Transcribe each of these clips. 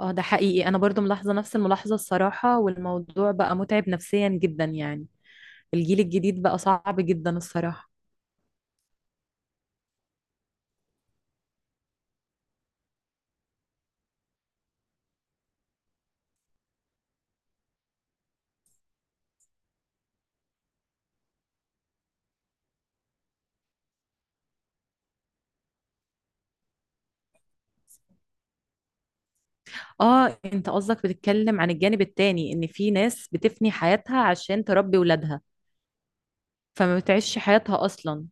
اه ده حقيقي، انا برضو ملاحظة نفس الملاحظة الصراحة، والموضوع بقى متعب نفسيا جدا. الجيل الجديد بقى صعب جدا الصراحة. اه انت قصدك بتتكلم عن الجانب التاني، ان في ناس بتفني حياتها عشان تربي ولادها، فما بتعيش حياتها اصلا.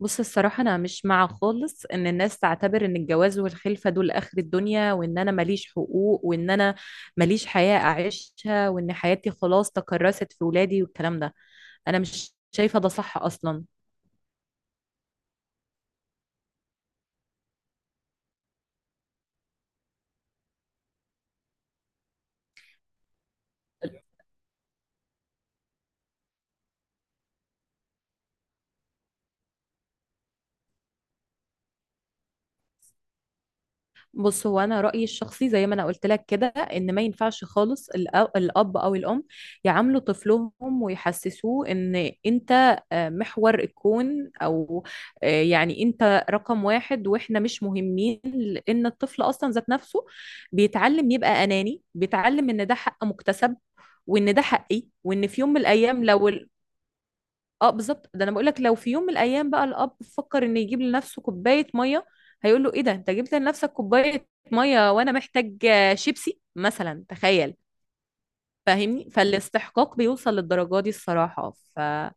بص الصراحة انا مش مع خالص ان الناس تعتبر ان الجواز والخلفة دول اخر الدنيا، وان انا ماليش حقوق، وان انا ماليش حياة اعيشها، وان حياتي خلاص تكرست في ولادي والكلام ده. انا مش شايفة ده صح اصلا. بص، هو انا رايي الشخصي زي ما انا قلت لك كده، ان ما ينفعش خالص الاب او الام يعاملوا طفلهم ويحسسوه ان انت محور الكون، او يعني انت رقم واحد واحنا مش مهمين. لان الطفل اصلا ذات نفسه بيتعلم يبقى اناني، بيتعلم ان ده حق مكتسب، وان ده حقي، وان في يوم من الايام لو اه بالظبط. ده انا بقول لك، لو في يوم من الايام بقى الاب فكر ان يجيب لنفسه كوبايه ميه، هيقول له ايه ده، انت جبت لنفسك كوبايه ميه وانا محتاج شيبسي مثلا؟ تخيل، فاهمني؟ فالاستحقاق بيوصل للدرجه دي الصراحه. فاحنا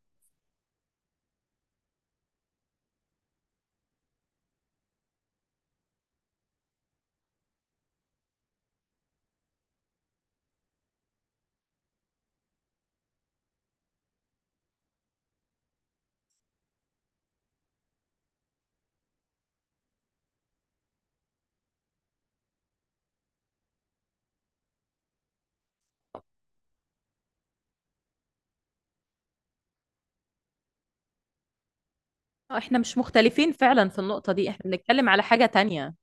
مش مختلفين فعلا في النقطه دي، احنا بنتكلم على حاجه تانية.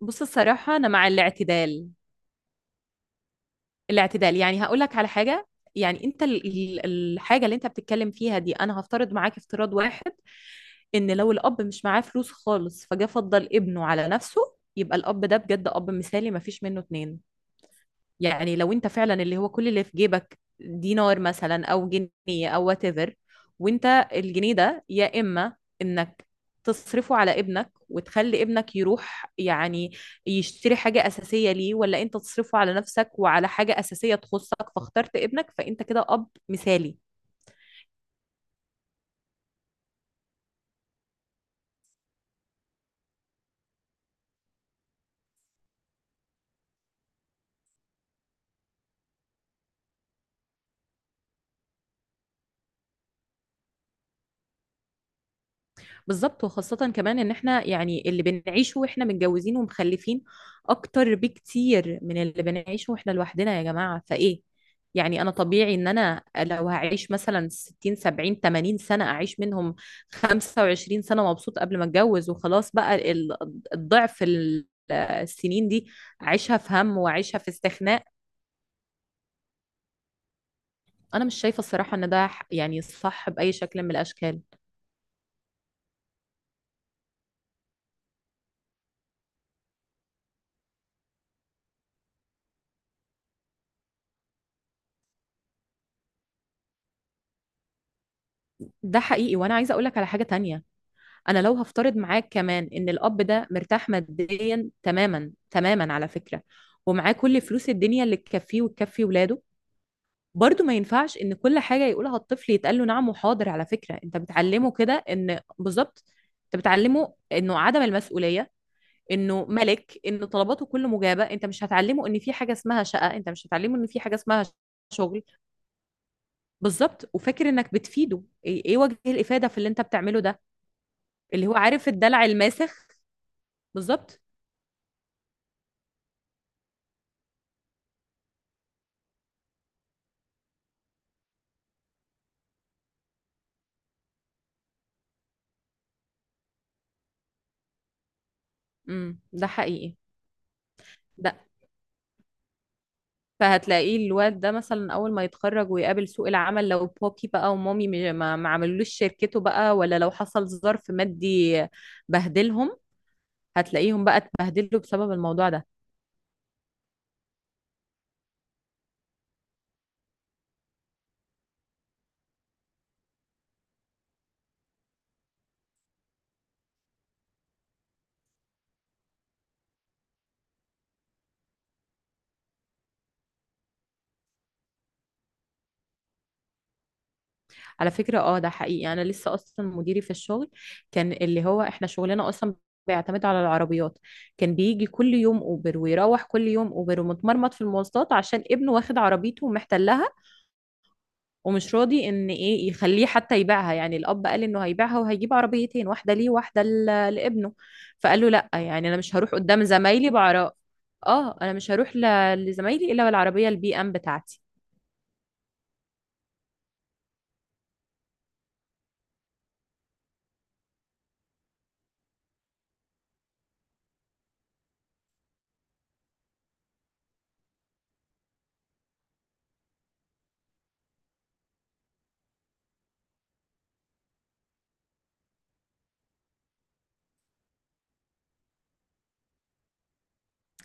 بص الصراحه انا مع الاعتدال. الاعتدال، يعني هقول لك على حاجة. يعني انت الحاجة اللي انت بتتكلم فيها دي، انا هفترض معاك افتراض واحد، ان لو الاب مش معاه فلوس خالص، فجاه فضل ابنه على نفسه، يبقى الاب ده بجد اب مثالي مفيش منه اتنين. يعني لو انت فعلا اللي هو كل اللي في جيبك دينار مثلا او جنيه او وات ايفر، وانت الجنيه ده يا اما انك تصرفه على ابنك وتخلي ابنك يروح يعني يشتري حاجة أساسية ليه، ولا انت تصرفه على نفسك وعلى حاجة أساسية تخصك، فاخترت ابنك، فانت كده أب مثالي. بالظبط، وخاصة كمان ان احنا يعني اللي بنعيشه واحنا متجوزين ومخلفين اكتر بكتير من اللي بنعيشه واحنا لوحدنا يا جماعة، فايه؟ يعني انا طبيعي ان انا لو هعيش مثلا 60 سنة 70 80 سنة، اعيش منهم 25 سنة مبسوط قبل ما اتجوز وخلاص، بقى الضعف السنين دي اعيشها في هم واعيشها في استخناء. انا مش شايفة الصراحة ان ده يعني صح بأي شكل من الاشكال. ده حقيقي، وانا عايزة اقولك على حاجة تانية. انا لو هفترض معاك كمان ان الاب ده مرتاح ماديا تماما تماما على فكرة، ومعاه كل فلوس الدنيا اللي تكفيه وتكفي ولاده، برضه ما ينفعش ان كل حاجة يقولها الطفل يتقال له نعم وحاضر. على فكرة انت بتعلمه كده ان، بالظبط، انت بتعلمه انه عدم المسؤولية، انه ملك، ان طلباته كله مجابة. انت مش هتعلمه ان في حاجة اسمها شقة، انت مش هتعلمه ان في حاجة اسمها شغل. بالظبط، وفاكر انك بتفيده! ايه إيه وجه الافادة في اللي انت بتعمله ده؟ اللي هو عارف الدلع الماسخ. بالظبط. ده حقيقي. ده فهتلاقيه الواد ده مثلا اول ما يتخرج ويقابل سوق العمل، لو بابي بقى ومامي ما عملوش شركته بقى، ولا لو حصل ظرف مادي بهدلهم، هتلاقيهم بقى اتبهدلوا بسبب الموضوع ده. على فكرة ده حقيقي. انا لسه اصلا مديري في الشغل، كان اللي هو احنا شغلنا اصلا بيعتمد على العربيات، كان بيجي كل يوم اوبر ويروح كل يوم اوبر ومتمرمط في المواصلات عشان ابنه واخد عربيته ومحتلها، ومش راضي ان ايه يخليه حتى يبيعها. يعني الاب قال انه هيبيعها وهيجيب عربيتين، واحده ليه واحده لابنه. فقال له لا، يعني انا مش هروح قدام زمايلي بعراء. اه انا مش هروح لزمايلي الا بالعربيه البي ام بتاعتي.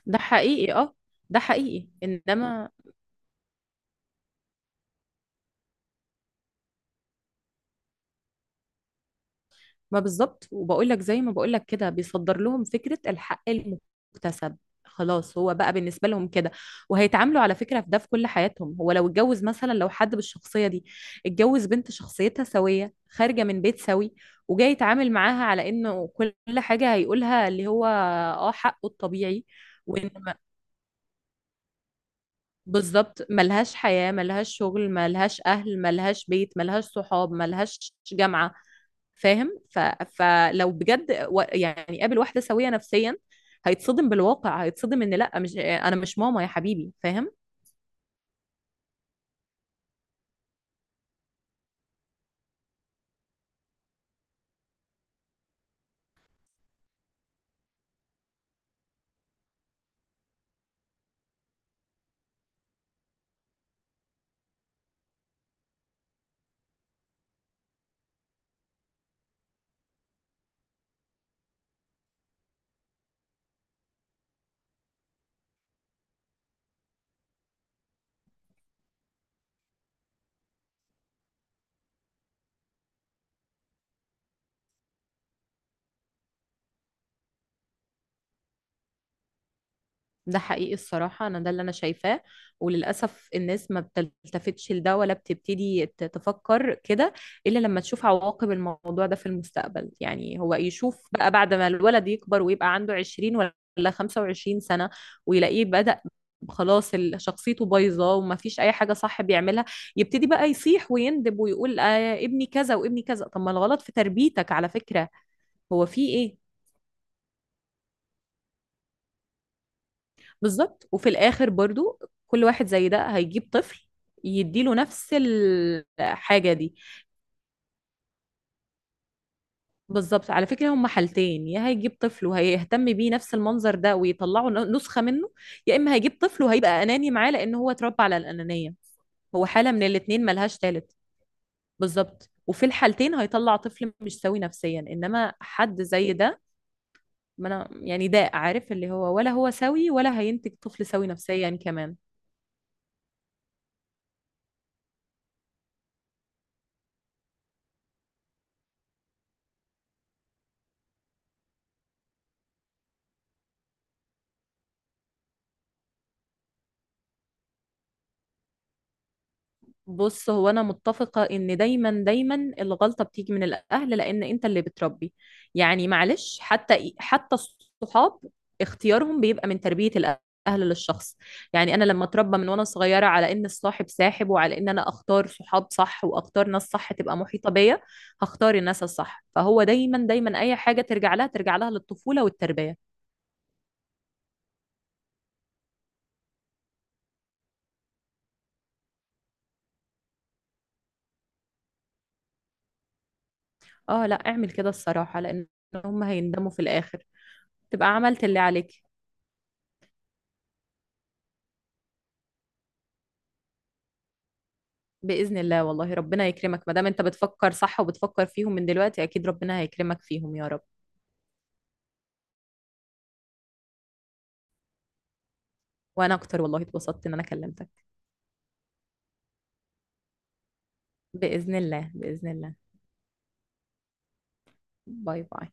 ده حقيقي. انما ما بالظبط، وبقول لك زي ما بقول لك كده بيصدر لهم فكرة الحق المكتسب. خلاص هو بقى بالنسبة لهم كده، وهيتعاملوا على فكرة في ده في كل حياتهم. هو لو اتجوز مثلا، لو حد بالشخصية دي اتجوز بنت شخصيتها سوية خارجة من بيت سوي، وجاي يتعامل معاها على انه كل حاجة هيقولها اللي هو اه حقه الطبيعي، وان ما- بالظبط، ملهاش حياة، ملهاش شغل، ملهاش اهل، ملهاش بيت، ملهاش صحاب، ملهاش جامعة. فاهم؟ فلو بجد يعني قابل واحدة سوية نفسيا، هيتصدم بالواقع، هيتصدم ان لا، مش، انا مش ماما يا حبيبي، فاهم؟ ده حقيقي الصراحة، أنا ده اللي أنا شايفاه. وللأسف الناس ما بتلتفتش لده، ولا بتبتدي تفكر كده إلا لما تشوف عواقب الموضوع ده في المستقبل. يعني هو يشوف بقى بعد ما الولد يكبر ويبقى عنده 20 ولا 25 سنة، ويلاقيه بدأ خلاص شخصيته بايظة وما فيش أي حاجة صح بيعملها، يبتدي بقى يصيح ويندب ويقول آه ابني كذا وابني كذا. طب ما الغلط في تربيتك على فكرة، هو في إيه؟ بالظبط. وفي الاخر برضو كل واحد زي ده هيجيب طفل يديله نفس الحاجة دي. بالظبط، على فكرة هما حالتين، يا هيجيب طفل وهيهتم بيه نفس المنظر ده ويطلعه نسخة منه، يا إما هيجيب طفل وهيبقى أناني معاه لأن هو اتربى على الأنانية. هو حالة من الاتنين ملهاش تالت. بالظبط، وفي الحالتين هيطلع طفل مش سوي نفسيا، إنما حد زي ده ما أنا يعني ده عارف اللي هو، ولا هو سوي ولا هينتج طفل سوي نفسيا كمان. بص هو انا متفقه ان دايما دايما الغلطه بتيجي من الاهل، لان انت اللي بتربي. يعني معلش، حتى الصحاب اختيارهم بيبقى من تربيه الاهل للشخص. يعني انا لما اتربى من وانا صغيره على ان الصاحب ساحب، وعلى ان انا اختار صحاب صح واختار ناس صح تبقى محيطه بيا، هختار الناس الصح. فهو دايما دايما اي حاجه ترجع لها للطفوله والتربيه. اه، لا اعمل كده الصراحه، لان هم هيندموا في الاخر، تبقى عملت اللي عليك. بإذن الله، والله ربنا يكرمك، ما دام انت بتفكر صح وبتفكر فيهم من دلوقتي اكيد ربنا هيكرمك فيهم يا رب. وانا اكتر، والله اتبسطت ان انا كلمتك. بإذن الله بإذن الله. باي باي.